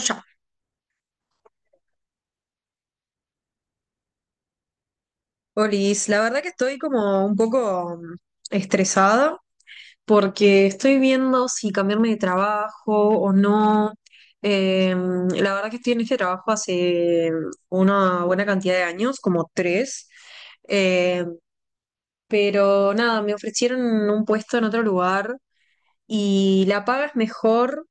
Ya. Olis, la verdad que estoy como un poco estresada porque estoy viendo si cambiarme de trabajo o no. Eh, la verdad que estoy en este trabajo hace una buena cantidad de años, como tres. Eh, pero nada, me ofrecieron un puesto en otro lugar y la paga es mejor,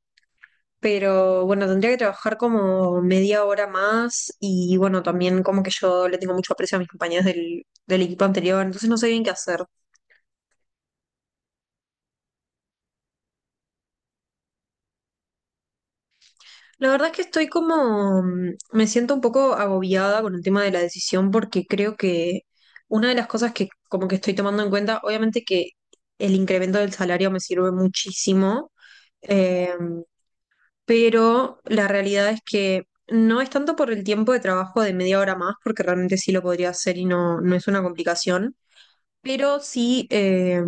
pero bueno, tendría que trabajar como media hora más y bueno, también como que yo le tengo mucho aprecio a mis compañeros del equipo anterior, entonces no sé bien qué hacer. La verdad es que estoy como, me siento un poco agobiada con el tema de la decisión porque creo que una de las cosas que como que estoy tomando en cuenta, obviamente que el incremento del salario me sirve muchísimo. em, pero la realidad es que no es tanto por el tiempo de trabajo de media hora más, porque realmente sí lo podría hacer y no, no es una complicación, pero sí,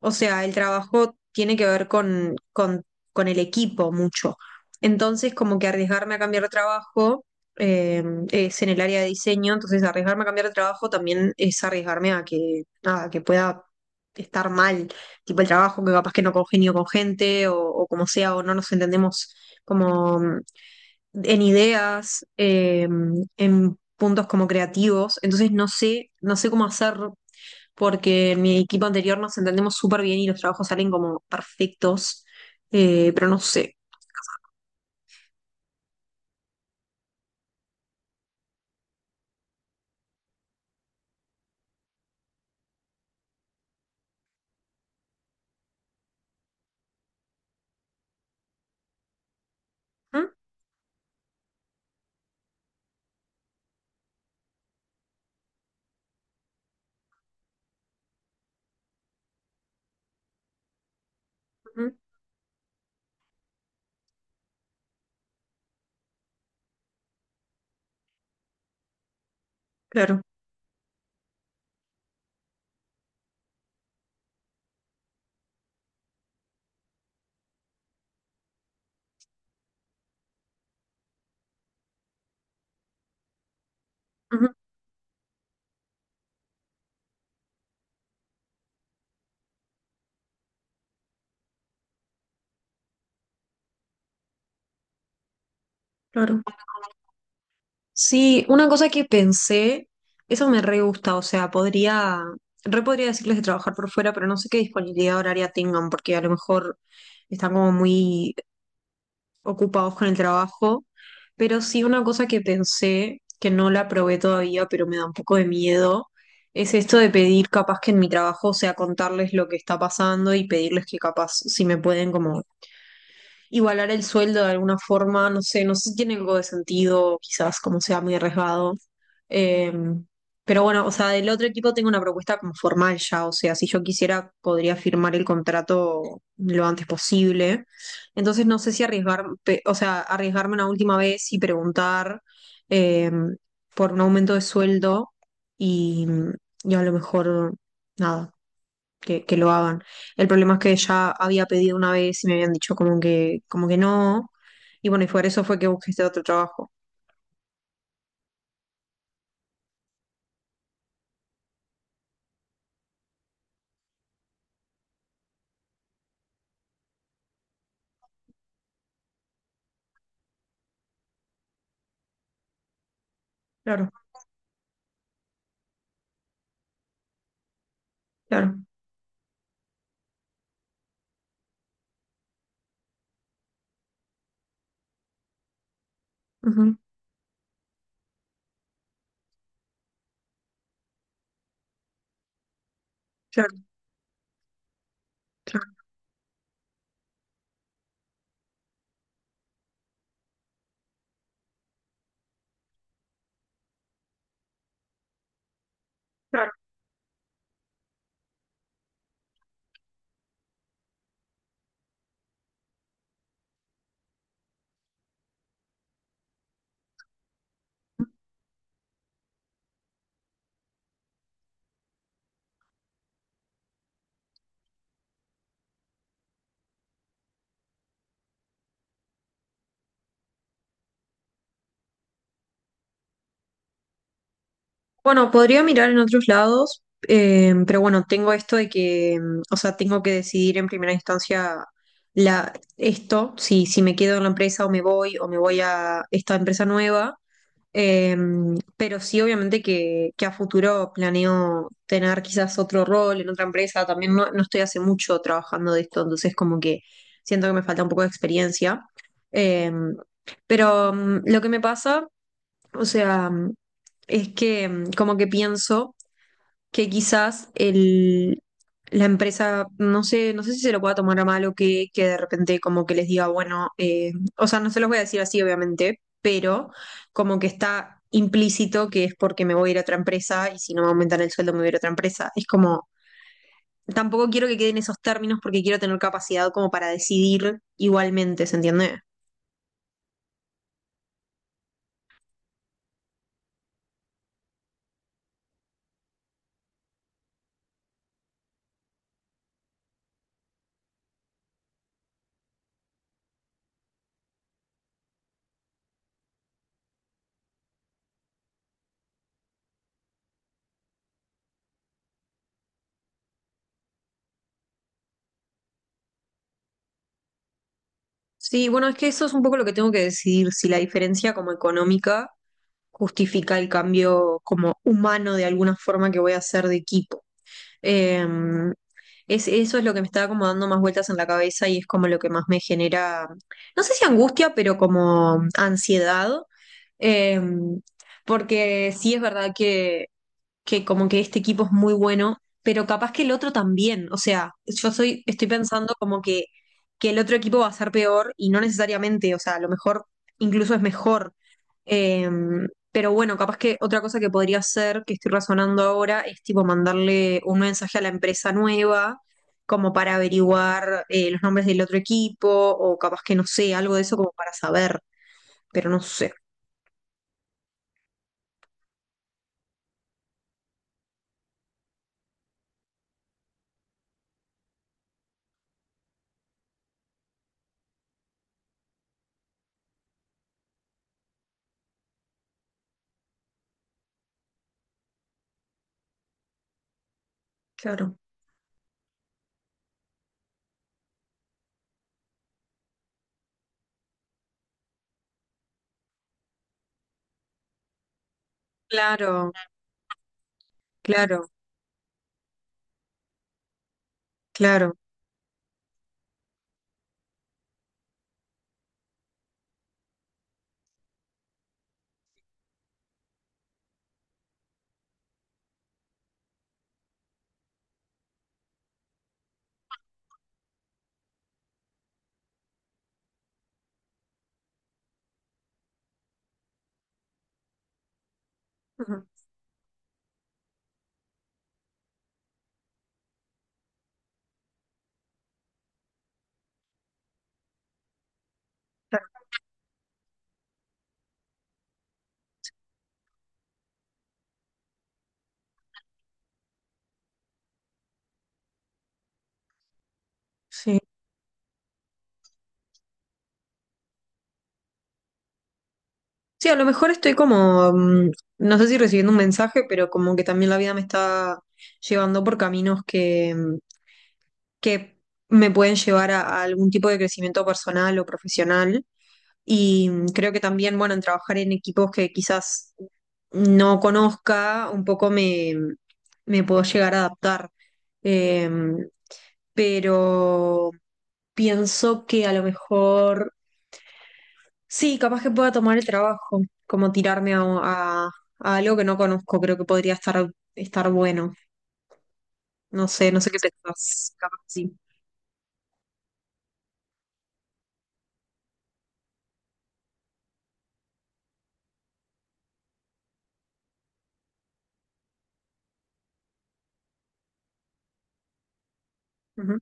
o sea, el trabajo tiene que ver con el equipo mucho. Entonces, como que arriesgarme a cambiar de trabajo, eh, es en el área de diseño, entonces arriesgarme a cambiar de trabajo también es arriesgarme a que, nada, que pueda estar mal, tipo el trabajo, que capaz que no congenio con gente o como sea, o no nos entendemos como, en ideas, en puntos como creativos. Entonces, no sé, no sé cómo hacer porque en mi equipo anterior nos entendemos súper bien y los trabajos salen como perfectos. Pero no sé. Mm, ujú, claro, ujú, claro. Sí, una cosa que pensé, eso me re gusta, o sea, podría, re podría decirles de trabajar por fuera, pero no sé qué disponibilidad horaria tengan, porque a lo mejor están como muy ocupados con el trabajo, pero sí una cosa que pensé, que no la probé todavía, pero me da un poco de miedo, es esto de pedir capaz que en mi trabajo, o sea, contarles lo que está pasando y pedirles que capaz si me pueden como igualar el sueldo de alguna forma, no sé, no sé si tiene algo de sentido, quizás como sea muy arriesgado. Eh, pero bueno, o sea, del otro equipo tengo una propuesta como formal ya, o sea, si yo quisiera podría firmar el contrato lo antes posible. Entonces no sé si arriesgar, o sea, arriesgarme una última vez y preguntar, eh, por un aumento de sueldo y, y a lo mejor, nada, que lo hagan. El problema es que ya había pedido una vez y me habían dicho como que no. Y bueno, y por eso fue que busqué este otro trabajo. Claro, claro, ujú, claro, claro, claro. Bueno, podría mirar en otros lados, pero bueno, tengo esto de que, o sea, tengo que decidir en primera instancia la, esto, si me quedo en la empresa o me voy a esta empresa nueva. Eh, pero sí, obviamente que a futuro planeo tener quizás otro rol en otra empresa. También no, no estoy hace mucho trabajando de esto, entonces como que siento que me falta un poco de experiencia. Eh, pero lo que me pasa, o sea, es que como que pienso que quizás la empresa, no sé, no sé si se lo pueda tomar a mal o que de repente como que les diga, bueno, o sea, no se los voy a decir así, obviamente, pero como que está implícito que es porque me voy a ir a otra empresa y si no me aumentan el sueldo me voy a ir a otra empresa. Es como, tampoco quiero que queden esos términos porque quiero tener capacidad como para decidir igualmente, ¿se entiende? Sí, bueno, es que eso es un poco lo que tengo que decidir, si la diferencia como económica justifica el cambio como humano de alguna forma que voy a hacer de equipo. Eh, es, eso es lo que me está como dando más vueltas en la cabeza y es como lo que más me genera, no sé si angustia, pero como ansiedad. Eh, porque sí es verdad que como que este equipo es muy bueno, pero capaz que el otro también, o sea, yo soy, estoy pensando como que el otro equipo va a ser peor y no necesariamente, o sea, a lo mejor incluso es mejor. Pero bueno, capaz que otra cosa que podría hacer, que estoy razonando ahora, es tipo mandarle un mensaje a la empresa nueva, como para averiguar, los nombres del otro equipo, o capaz que no sé, algo de eso como para saber, pero no sé. Claro, claro, claro, claro, ujú, claro, sí. Sí, a lo mejor estoy como, no sé si recibiendo un mensaje, pero como que también la vida me está llevando por caminos que me pueden llevar a algún tipo de crecimiento personal o profesional. Y creo que también, bueno, en trabajar en equipos que quizás no conozca, un poco me puedo llegar a adaptar. Eh, pero pienso que a lo mejor, sí, capaz que pueda tomar el trabajo, como tirarme a, a algo que no conozco, creo que podría estar, estar bueno. No sé, no sé qué pensás, capaz sí. Ujú,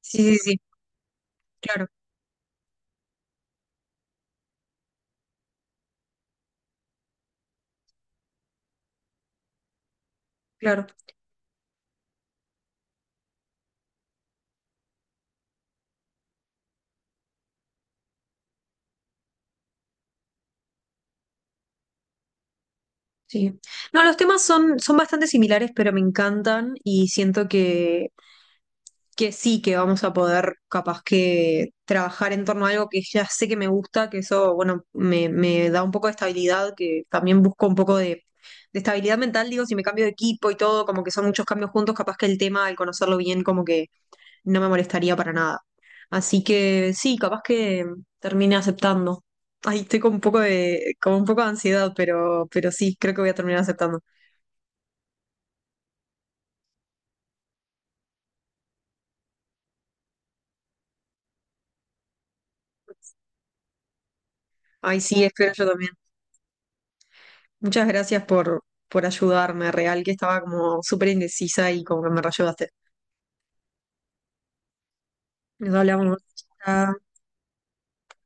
sí, sí, sí, claro, claro, sí. No, los temas son bastante similares, pero me encantan y siento que sí, que vamos a poder capaz que trabajar en torno a algo que ya sé que me gusta, que eso, bueno, me da un poco de estabilidad, que también busco un poco de estabilidad mental, digo, si me cambio de equipo y todo, como que son muchos cambios juntos, capaz que el tema, al conocerlo bien, como que no me molestaría para nada. Así que sí, capaz que termine aceptando. Ay, estoy con un poco de, con un poco de ansiedad, pero sí, creo que voy a terminar aceptando. Ay, sí, espero yo también. Muchas gracias por ayudarme, real, que estaba como súper indecisa y como que me reayudaste. Nos hablamos. Chao.